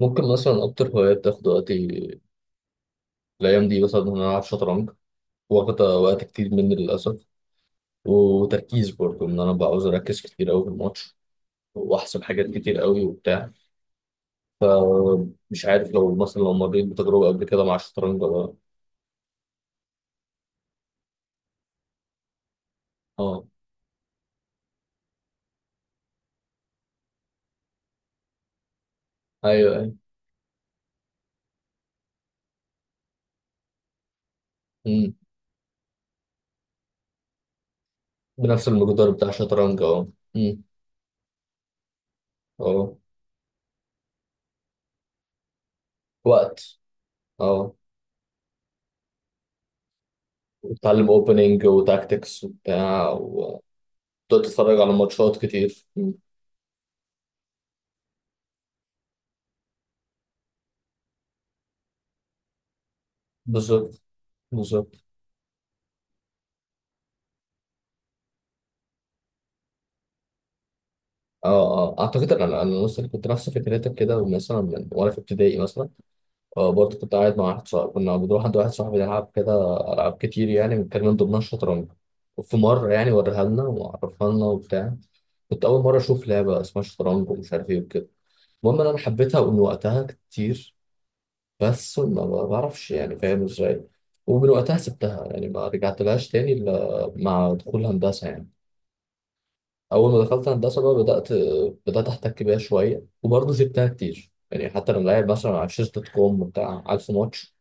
ممكن مثلا أكتر هواية بتاخد وقتي الأيام دي مثلا إن أنا ألعب شطرنج. واخدة وقت كتير مني للأسف، وتركيز برضه، إن أنا بعوز أركز كتير أوي في الماتش وأحسب حاجات كتير أوي وبتاع. فمش عارف لو مثلا لو مريت بتجربة قبل كده مع الشطرنج ولا. آه. أيوه أيوه. أمم. بنفس المقدار بتاع الشطرنج أه. أمم. أه. وقت. أه. وتتعلم أوبننج وتاكتكس وبتاع وتقعد تتفرج على ماتشات كتير. أمم. بالظبط. بالظبط. اه اه، اعتقد ان انا نفس كنت نفس فكرتك كده، ومثلا من وانا في ابتدائي مثلا، آه برضه، كنت قاعد مع واحد صاحبي، كنا بنروح عند واحد صاحبي نلعب كده العاب كتير، يعني كان من ضمنها الشطرنج. وفي مره يعني وريها لنا وعرفها لنا وبتاع. كنت اول مره اشوف لعبه اسمها شطرنج ومش عارف ايه وكده. المهم إن انا حبيتها من وقتها كتير، بس ما بعرفش يعني فاهم ازاي. ومن وقتها سبتها يعني ما رجعتلهاش تاني الا مع دخول هندسه يعني. اول ما دخلت هندسه بقى بدات، احتك بيها شويه، وبرضه سبتها كتير يعني، حتى لما لعب مثلا على شيز دوت كوم بتاع 1000 ماتش.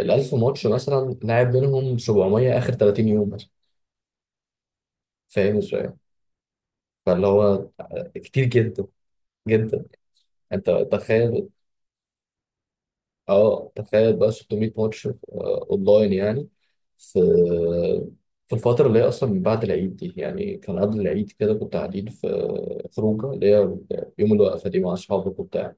ال 1000 ماتش مثلا لعب منهم 700 اخر 30 يوم مثلا. فاهم ازاي؟ فاللي هو كتير جدا جدا. انت تخيل. اه تخيل بقى 600 ماتش آه، اونلاين يعني. في الفترة اللي هي أصلا من بعد العيد دي، يعني كان قبل العيد كده كنت قاعدين في خروجة، اللي هي يوم الوقفة دي، مع أصحابك وبتاع.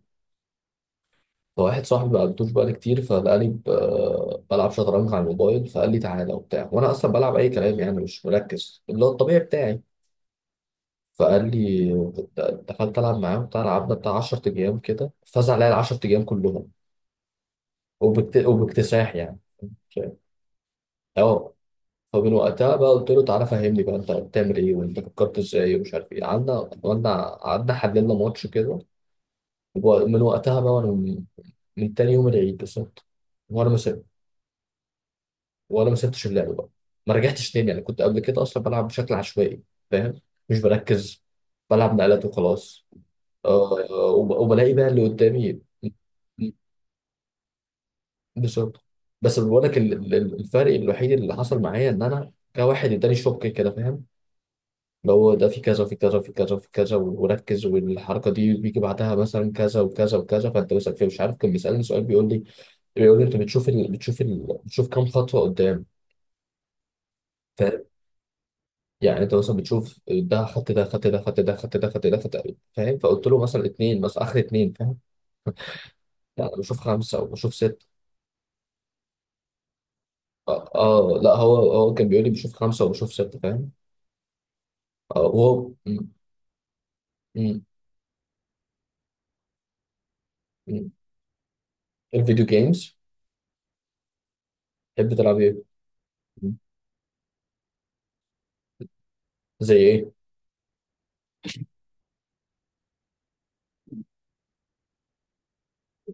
فواحد صاحبي ما قابلتوش بقالي كتير، فلقاني بلعب شطرنج على الموبايل. فقال لي تعالى وبتاع، وانا اصلا بلعب اي كلام يعني، مش مركز، اللي هو الطبيعي بتاعي. فقال لي دخلت العب معاه وبتاع، لعبنا بتاع 10 ايام كده، فاز عليا ال 10 ايام كلهم، وباكتساح يعني. فاهم؟ اه. فمن وقتها بقى، قلت له تعالى فهمني بقى، انت بتعمل ايه وانت فكرت ازاي ومش عارف ايه، قعدنا قعدنا قعدنا حللنا ماتش كده. ومن وقتها بقى، وانا من من تاني يوم العيد بالظبط، وانا ما وانا ما سبتش اللعب بقى، ما رجعتش تاني يعني. كنت قبل كده اصلا بلعب بشكل عشوائي فاهم، مش بركز، بلعب نقلات وخلاص. آه، وبلاقي بقى اللي قدامي. بالظبط. بس بقول لك الفرق الوحيد اللي حصل معايا، ان انا كواحد اداني شوك كده فاهم، اللي هو ده في كذا وفي كذا وفي كذا وفي كذا، وركز والحركه دي بيجي بعدها مثلا كذا وكذا وكذا. فانت مثلا فيه مش عارف، كان بيسالني سؤال بيقول لي، انت بتشوف كام خطوه قدام؟ يعني انت مثلا بتشوف ده خط ده خط ده خط ده خط ده خط ده خط ده فاهم. فقلت له مثلا اتنين، مثلا اخر اتنين فاهم، يعني بشوف خمسه وبشوف سته. اه آه. لا هو كان بيقول لي بشوف خمسه وبشوف سته فاهم. اه وهو م- م. الفيديو جيمز. تحب تلعب ايه؟ م. زي ايه؟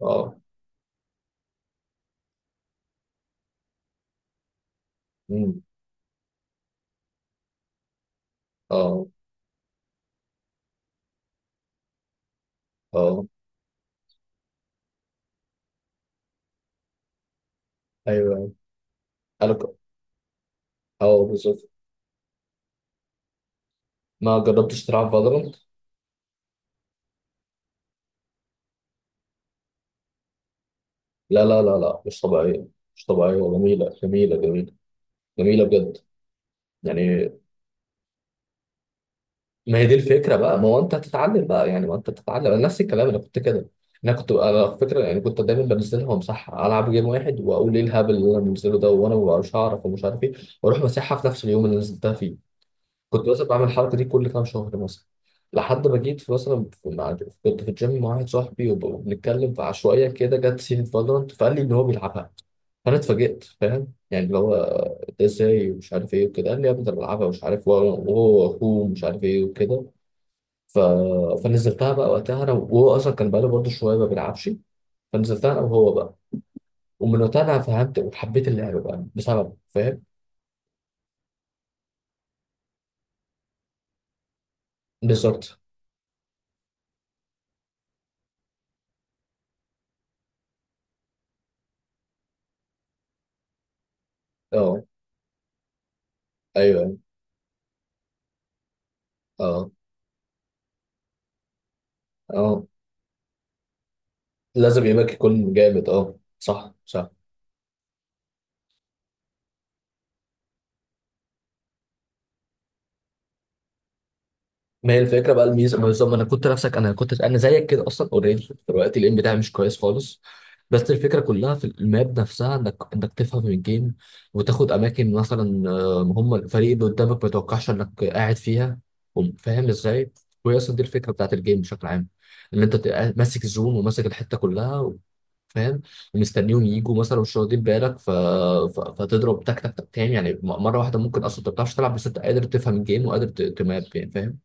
اه. م. اه اه. ايوه. انا ك- اه بالظبط. ما جربتش تلعب فالورانت؟ لا لا لا لا مش طبيعيه، مش طبيعيه، جميله جميله جميله، جميله بجد يعني. ما هي دي الفكره بقى، ما هو انت هتتعلم بقى يعني، ما انت بتتعلم، انا نفس الكلام، انا كنت كده، انا على فكره يعني كنت دايما بنزلها وامسحها، العب جيم واحد واقول ايه الهبل اللي انا بنزله ده، وانا ما ببقاش اعرف ومش عارف ايه، واروح مسحها في نفس اليوم اللي نزلتها فيه. كنت مثلا بعمل الحركه دي كل كام شهر مثلا. لحد ما جيت في مثلا، كنت في الجيم مع واحد صاحبي، وبنتكلم، فعشوائيا كده جت سيره فالورانت، فقال لي ان هو بيلعبها. فانا اتفاجئت فاهم يعني اللي هو ده ازاي ومش عارف ايه وكده. قال لي يا ابني ده أنا بلعبها ومش عارف، وهو واخوه ومش عارف ايه وكده. ف... فنزلتها بقى وقتها، انا وهو اصلا كان بقاله برضه شويه ما بيلعبش، فنزلتها انا وهو بقى. ومن وقتها انا فهمت وحبيت اللعبه بقى بسبب فاهم. بالظبط. اه ايوه اه اه. لازم يبقى يكون جامد. اه صح صح. ما هي الفكره بقى الميزه بالظبط، ما انا كنت نفسك، انا كنت انا زيك كده اصلا اوريدي. دلوقتي الام بتاعي مش كويس خالص، بس الفكره كلها في الماب نفسها، انك تفهم الجيم، وتاخد اماكن مثلا آه، هم الفريق اللي قدامك ما يتوقعش انك قاعد فيها، فاهم ازاي. وهي اصلا دي الفكره بتاعت الجيم بشكل عام، ان انت تبقى ماسك الزون وماسك الحته كلها فاهم، ومستنيهم يجوا مثلا مش واخدين بالك ف... فتضرب تك تك تك تاني يعني، مره واحده ممكن اصلا انت ما بتعرفش تلعب، بس انت قادر تفهم الجيم وقادر تماب يعني فاهم.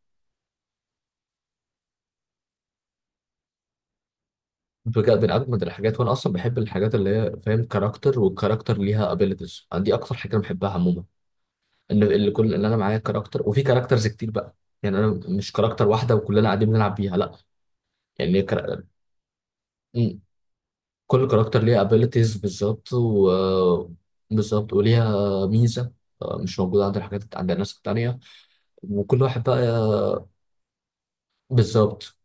بجد من اجمد الحاجات، وانا اصلا بحب الحاجات اللي هي فاهم، كاركتر والكاركتر ليها ابيليتيز، دي اكتر حاجه انا بحبها عموما، ان اللي كل ان انا معايا كاركتر وفي كاركترز كتير بقى، يعني انا مش كاركتر واحده وكلنا قاعدين بنلعب بيها لا، يعني كر... م- كل كاركتر ليها ابيليتيز بالظبط و... بالظبط وليها ميزه آه، مش موجوده عند الحاجات عند الناس التانيه. وكل واحد بقى آه، بالظبط،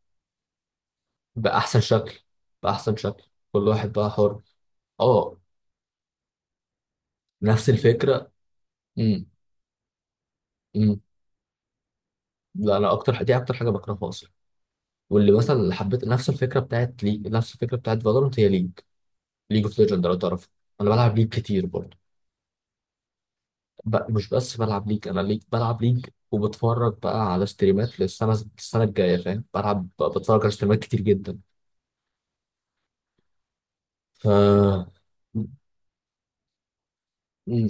باحسن شكل، باحسن شكل، كل واحد بقى حر. اه. نفس الفكره. م- م. لا، انا اكتر، دي اكتر حاجه بكرهها اصلا، واللي مثلا اللي حبيت نفس الفكره بتاعت ليج، نفس الفكره بتاعت فالورنت هي ليج، ليج اوف ليجند لو تعرفها. انا بلعب ليج كتير برضه. ب... مش بس بلعب ليج، انا ليج بلعب ليج، وبتفرج بقى على ستريمات للسنه، الجايه فاهم بلعب، بتفرج على ستريمات كتير جدا. ف.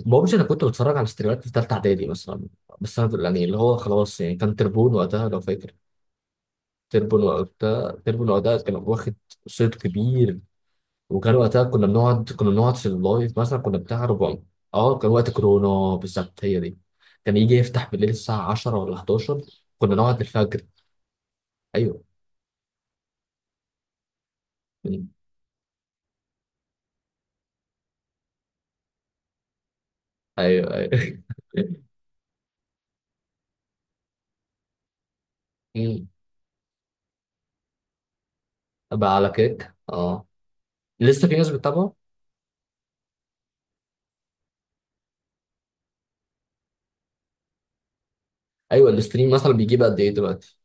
بابجي انا كنت بتفرج على ستريمات في ثالثه اعدادي مثلا، بس انا يعني اللي هو خلاص يعني، كان تربون وقتها لو فاكر. تربون وقتها كان واخد صيت كبير، وكان وقتها كنا بنقعد في اللايف، مثلا كنا بتاع 400. اه كان وقت كورونا بالظبط هي دي، كان يجي يفتح بالليل الساعة 10 ولا 11، كنا نقعد الفجر. ايوه. مم. ايوه ايوه. مم. بقى على كيك اه. لسه في ناس بتتابعه. ايوه الاستريم مثلا بيجيب قد ايه دلوقتي؟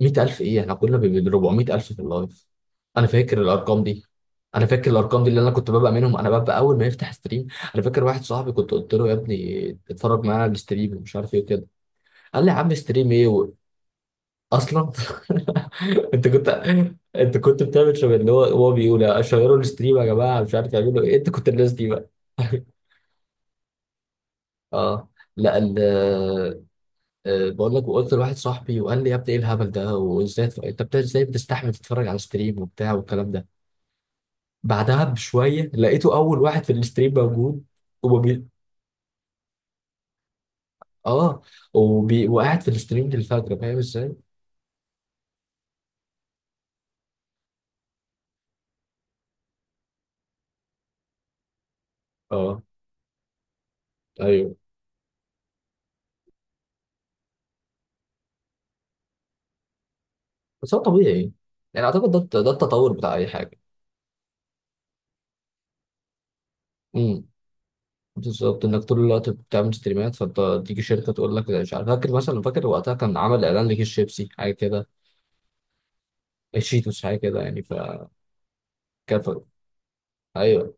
100,000 ايه، احنا كنا ب 400,000 في اللايف، انا فاكر الارقام دي، اللي انا كنت ببقى منهم، انا ببقى اول ما يفتح ستريم. انا فاكر واحد صاحبي كنت قلت له يا ابني اتفرج معايا على الستريم ومش عارف ايه وكده، قال لي يا عم ستريم ايه و... اصلا. انت كنت انت كنت بتعمل شبه اللي هو، هو بيقول اشيروا الستريم يا جماعه مش عارف يعملوا ايه، انت كنت الناس دي بقى. اه. لا ال. آه، بقول لك، وقلت لواحد صاحبي وقال لي يا ابني ايه الهبل ده، وازاي انت ازاي بتستحمل تتفرج على ستريم وبتاع والكلام ده. بعدها بشويه لقيته اول واحد في الستريم موجود، وبي... اه وبي... وقاعد في الستريم للفجر فاهم ازاي؟ اه ايوه. بس هو طبيعي يعني، اعتقد ده ده التطور بتاع اي حاجه. امم. بالظبط، انك طول الوقت بتعمل ستريمات فتيجي شركه تقول لك مش عارف، فاكر مثلا، وقتها كان عمل اعلان لكيس شيبسي حاجه كده، الشيتوس حاجه كده يعني فكان. ايوه.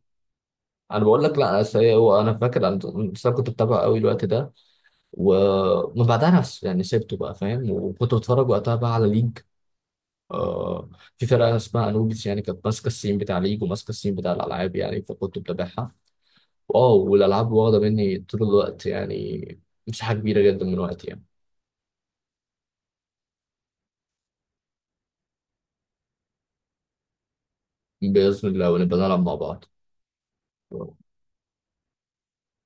انا بقول لك لا، أصل هو انا فاكر، انا بس أنا كنت بتابعه قوي الوقت ده، ومن بعدها نفس يعني سبته بقى فاهم، وكنت بتفرج وقتها بقى على ليج. آه. في فرقه اسمها انوبيس يعني كانت ماسكه السين بتاع ليج، وماسكه السين بتاع الالعاب يعني، فكنت بتابعها. واو، والالعاب واخده مني طول الوقت يعني، مساحه كبيره جدا من وقتي يعني. بإذن الله ونبقى نلعب مع بعض.